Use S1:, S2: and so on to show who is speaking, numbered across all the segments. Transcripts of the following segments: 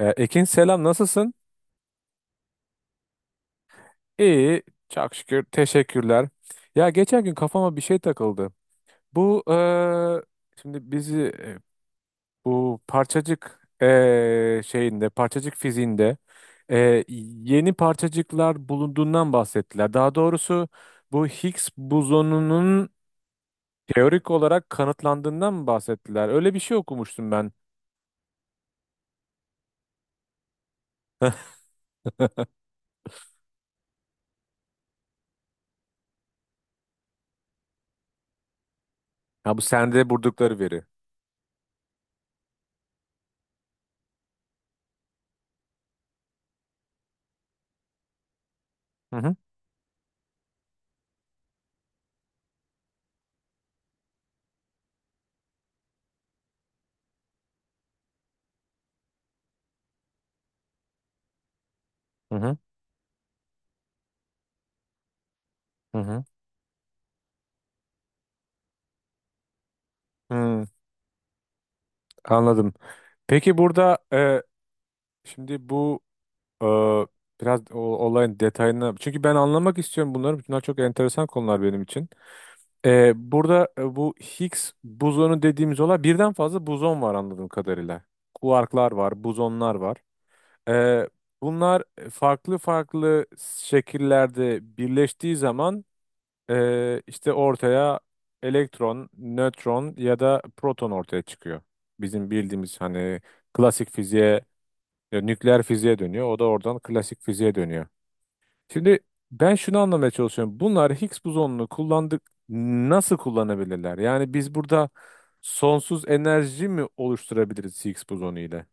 S1: Ekin selam nasılsın? İyi çok şükür teşekkürler. Ya geçen gün kafama bir şey takıldı. Bu şimdi bizi bu parçacık şeyinde parçacık fiziğinde eee, yeni parçacıklar bulunduğundan bahsettiler. Daha doğrusu bu Higgs bozonunun teorik olarak kanıtlandığından mı bahsettiler? Öyle bir şey okumuştum ben. Ya bu sende buldukları veri. Hı hı hı hı. Hı hı. Hmm, anladım. Peki burada şimdi bu e, biraz olayın detayına çünkü ben anlamak istiyorum bunları. Bunlar çok enteresan konular benim için. Burada bu Higgs bozonu dediğimiz olay birden fazla bozon var anladığım kadarıyla. Kuarklar var, bozonlar var. E, bunlar farklı farklı şekillerde birleştiği zaman işte ortaya elektron, nötron ya da proton ortaya çıkıyor. Bizim bildiğimiz hani klasik fiziğe ya nükleer fiziğe dönüyor. O da oradan klasik fiziğe dönüyor. Şimdi ben şunu anlamaya çalışıyorum. Bunlar Higgs bozonunu kullandık nasıl kullanabilirler? Yani biz burada sonsuz enerji mi oluşturabiliriz Higgs bozonu ile?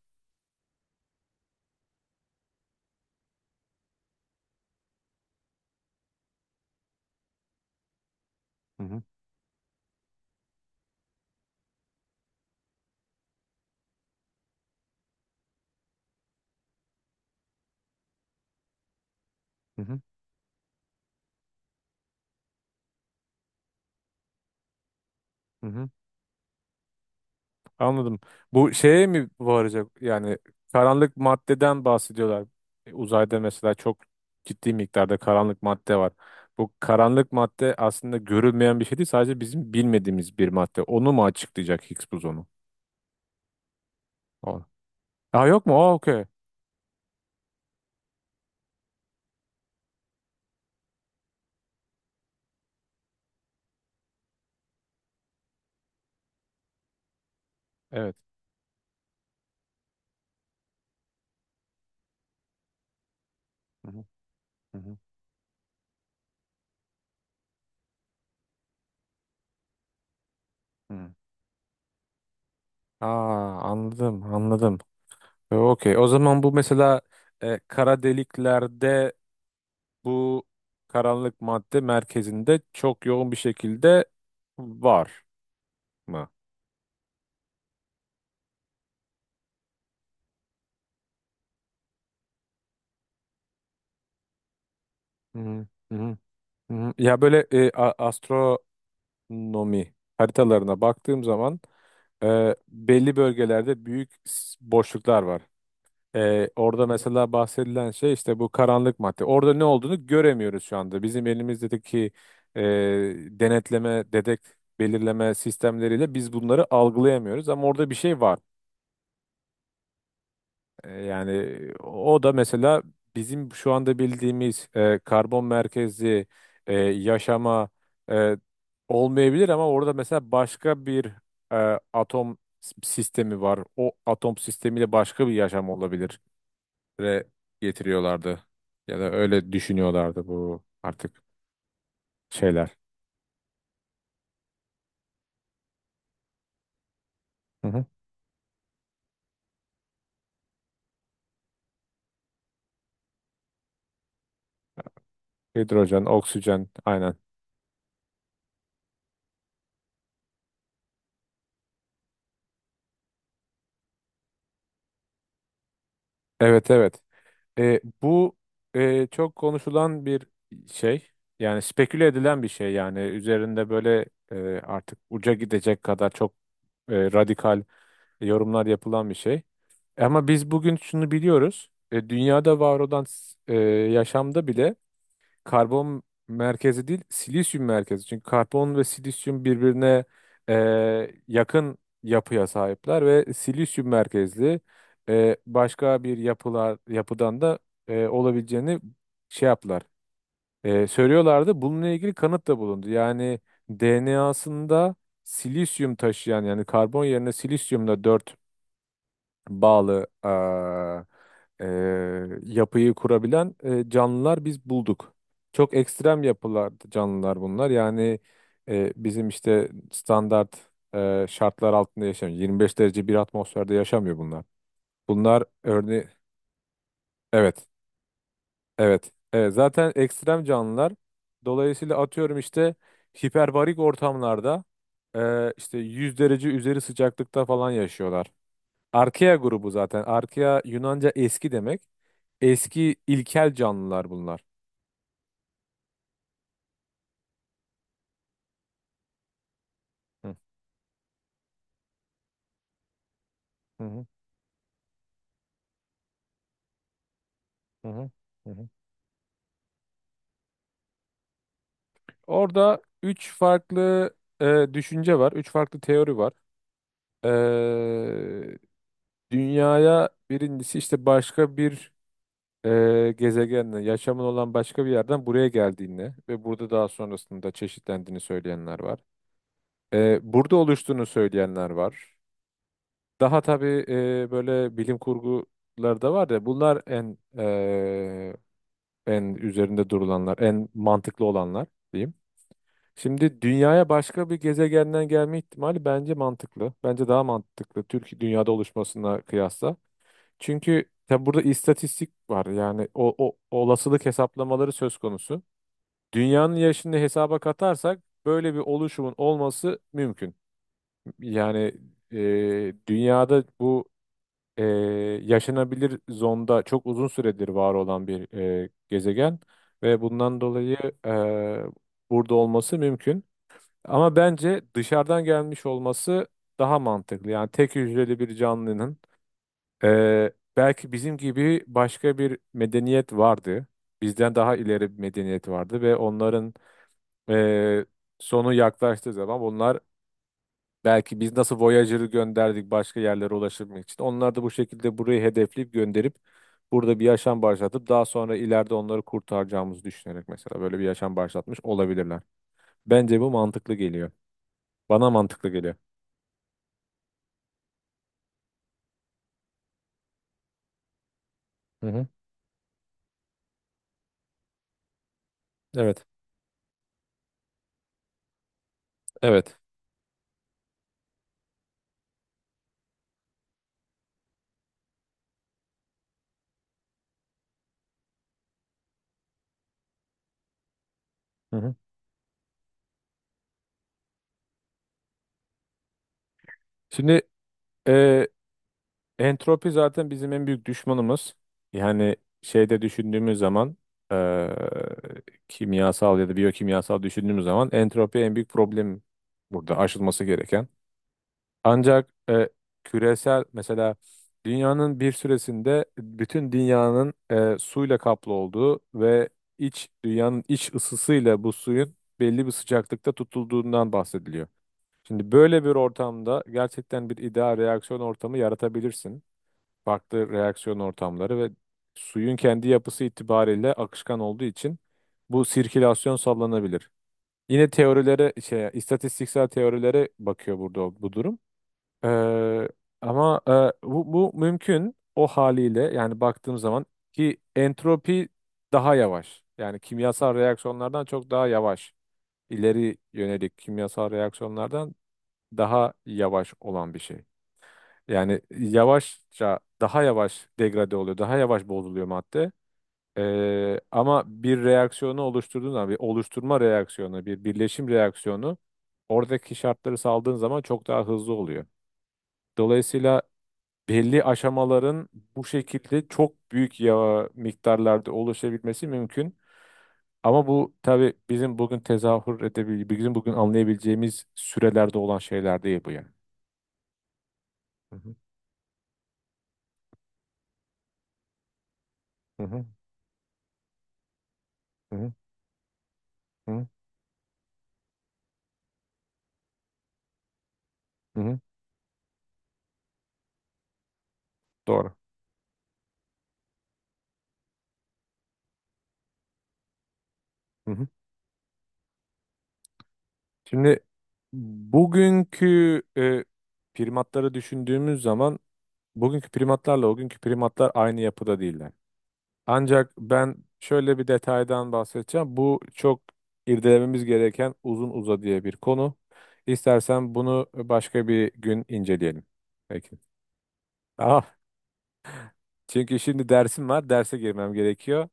S1: Hı hı, hı hı, hı hı. Anladım. Bu şeye mi varacak? Yani karanlık maddeden bahsediyorlar. Uzayda mesela çok ciddi miktarda karanlık madde var. Bu karanlık madde aslında görülmeyen bir şey değil, sadece bizim bilmediğimiz bir madde. Onu mu açıklayacak Higgs bozonu? Aa yok mu? Aa okey. Evet. Hı hı, hı hı, hı. Aa anladım anladım. Okey. O zaman bu mesela kara deliklerde bu karanlık madde merkezinde çok yoğun bir şekilde var mı? Hı hı, hı hı. Hı hı. Ya böyle astronomi haritalarına baktığım zaman belli bölgelerde büyük boşluklar var. Orada mesela bahsedilen şey işte bu karanlık madde. Orada ne olduğunu göremiyoruz şu anda. Bizim elimizdeki e, denetleme, belirleme sistemleriyle biz bunları algılayamıyoruz. Ama orada bir şey var. Yani o da mesela bizim şu anda bildiğimiz karbon merkezli yaşama e, olmayabilir ama orada mesela başka bir atom sistemi var. O atom sistemiyle başka bir yaşam olabilir re getiriyorlardı. Ya da öyle düşünüyorlardı bu artık şeyler. Hı hı. Hidrojen, oksijen, aynen. Evet evet. Bu çok konuşulan bir şey. Yani speküle edilen bir şey yani. Üzerinde böyle e, artık uca gidecek kadar çok radikal yorumlar yapılan bir şey. Ama biz bugün şunu biliyoruz. Dünyada var olan yaşamda bile karbon merkezi değil, silisyum merkezi. Çünkü karbon ve silisyum birbirine e, yakın yapıya sahipler ve silisyum merkezli başka bir yapıdan da olabileceğini şey yaptılar. Söylüyorlardı. Bununla ilgili kanıt da bulundu. Yani DNA'sında silisyum taşıyan yani karbon yerine silisyumla dört bağlı yapıyı kurabilen canlılar biz bulduk. Çok ekstrem yapılar canlılar bunlar. Yani bizim işte standart şartlar altında yaşamıyor. 25 derece bir atmosferde yaşamıyor bunlar. Bunlar örneği evet evet evet zaten ekstrem canlılar. Dolayısıyla atıyorum işte hiperbarik ortamlarda işte 100 derece üzeri sıcaklıkta falan yaşıyorlar. Arkea grubu zaten. Arkea Yunanca eski demek. Eski ilkel canlılar bunlar. Hı hı hı hı hı. Hı hı. Orada üç farklı düşünce var, üç farklı teori var. Eee, dünyaya birincisi işte başka bir gezegenle, yaşamın olan başka bir yerden buraya geldiğini ve burada daha sonrasında çeşitlendiğini söyleyenler var. Burada oluştuğunu söyleyenler var. Daha tabii böyle bilim kurguları da var ya bunlar en üzerinde durulanlar, en mantıklı olanlar diyeyim. Şimdi dünyaya başka bir gezegenden gelme ihtimali bence mantıklı. Bence daha mantıklı Türkiye dünyada oluşmasına kıyasla. Çünkü tabi burada istatistik var. Yani o olasılık hesaplamaları söz konusu. Dünyanın yaşını hesaba katarsak böyle bir oluşumun olması mümkün. Yani dünyada bu e, yaşanabilir zonda çok uzun süredir var olan bir gezegen ve bundan dolayı e, burada olması mümkün. Ama bence dışarıdan gelmiş olması daha mantıklı. Yani tek hücreli bir canlının belki bizim gibi başka bir medeniyet vardı. Bizden daha ileri bir medeniyet vardı ve onların e, sonu yaklaştığı zaman bunlar. Belki biz nasıl Voyager'ı gönderdik başka yerlere ulaşabilmek için. Onlar da bu şekilde burayı hedefleyip gönderip burada bir yaşam başlatıp daha sonra ileride onları kurtaracağımızı düşünerek mesela böyle bir yaşam başlatmış olabilirler. Bence bu mantıklı geliyor. Bana mantıklı geliyor. Hı hı. Evet. Evet. Hı hı. Şimdi e, entropi zaten bizim en büyük düşmanımız. Yani şeyde düşündüğümüz zaman e, kimyasal ya da biyokimyasal düşündüğümüz zaman entropi en büyük problem burada aşılması gereken. Ancak küresel mesela dünyanın bir süresinde bütün dünyanın suyla kaplı olduğu ve iç dünyanın iç ısısıyla bu suyun belli bir sıcaklıkta tutulduğundan bahsediliyor. Şimdi böyle bir ortamda gerçekten bir ideal reaksiyon ortamı yaratabilirsin. Farklı reaksiyon ortamları ve suyun kendi yapısı itibariyle akışkan olduğu için bu sirkülasyon sağlanabilir. Yine istatistiksel teorilere bakıyor burada bu durum. Ee, ama bu mümkün o haliyle yani baktığım zaman ki entropi daha yavaş. Yani kimyasal reaksiyonlardan çok daha yavaş. İleri yönelik kimyasal reaksiyonlardan daha yavaş olan bir şey. Yani yavaşça daha yavaş degrade oluyor, daha yavaş bozuluyor madde. Ama bir reaksiyonu oluşturduğun zaman bir oluşturma reaksiyonu, bir birleşim reaksiyonu oradaki şartları saldığın zaman çok daha hızlı oluyor. Dolayısıyla belli aşamaların bu şekilde çok büyük ya miktarlarda oluşabilmesi mümkün. Ama bu tabii bizim bugün tezahür edebileceğimiz, bizim bugün anlayabileceğimiz sürelerde olan şeyler değil bu yani. Hı hı, hı hı, hı hı, hı hı. Doğru. Hı hı. Şimdi bugünkü primatları düşündüğümüz zaman bugünkü primatlarla o günkü primatlar aynı yapıda değiller. Ancak ben şöyle bir detaydan bahsedeceğim. Bu çok irdelememiz gereken uzun uza diye bir konu. İstersen bunu başka bir gün inceleyelim. Peki. Ah, çünkü şimdi dersim var. Derse girmem gerekiyor.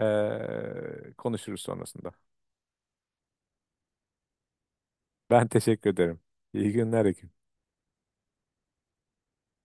S1: Konuşuruz sonrasında. Ben teşekkür ederim. İyi günler. Ekim.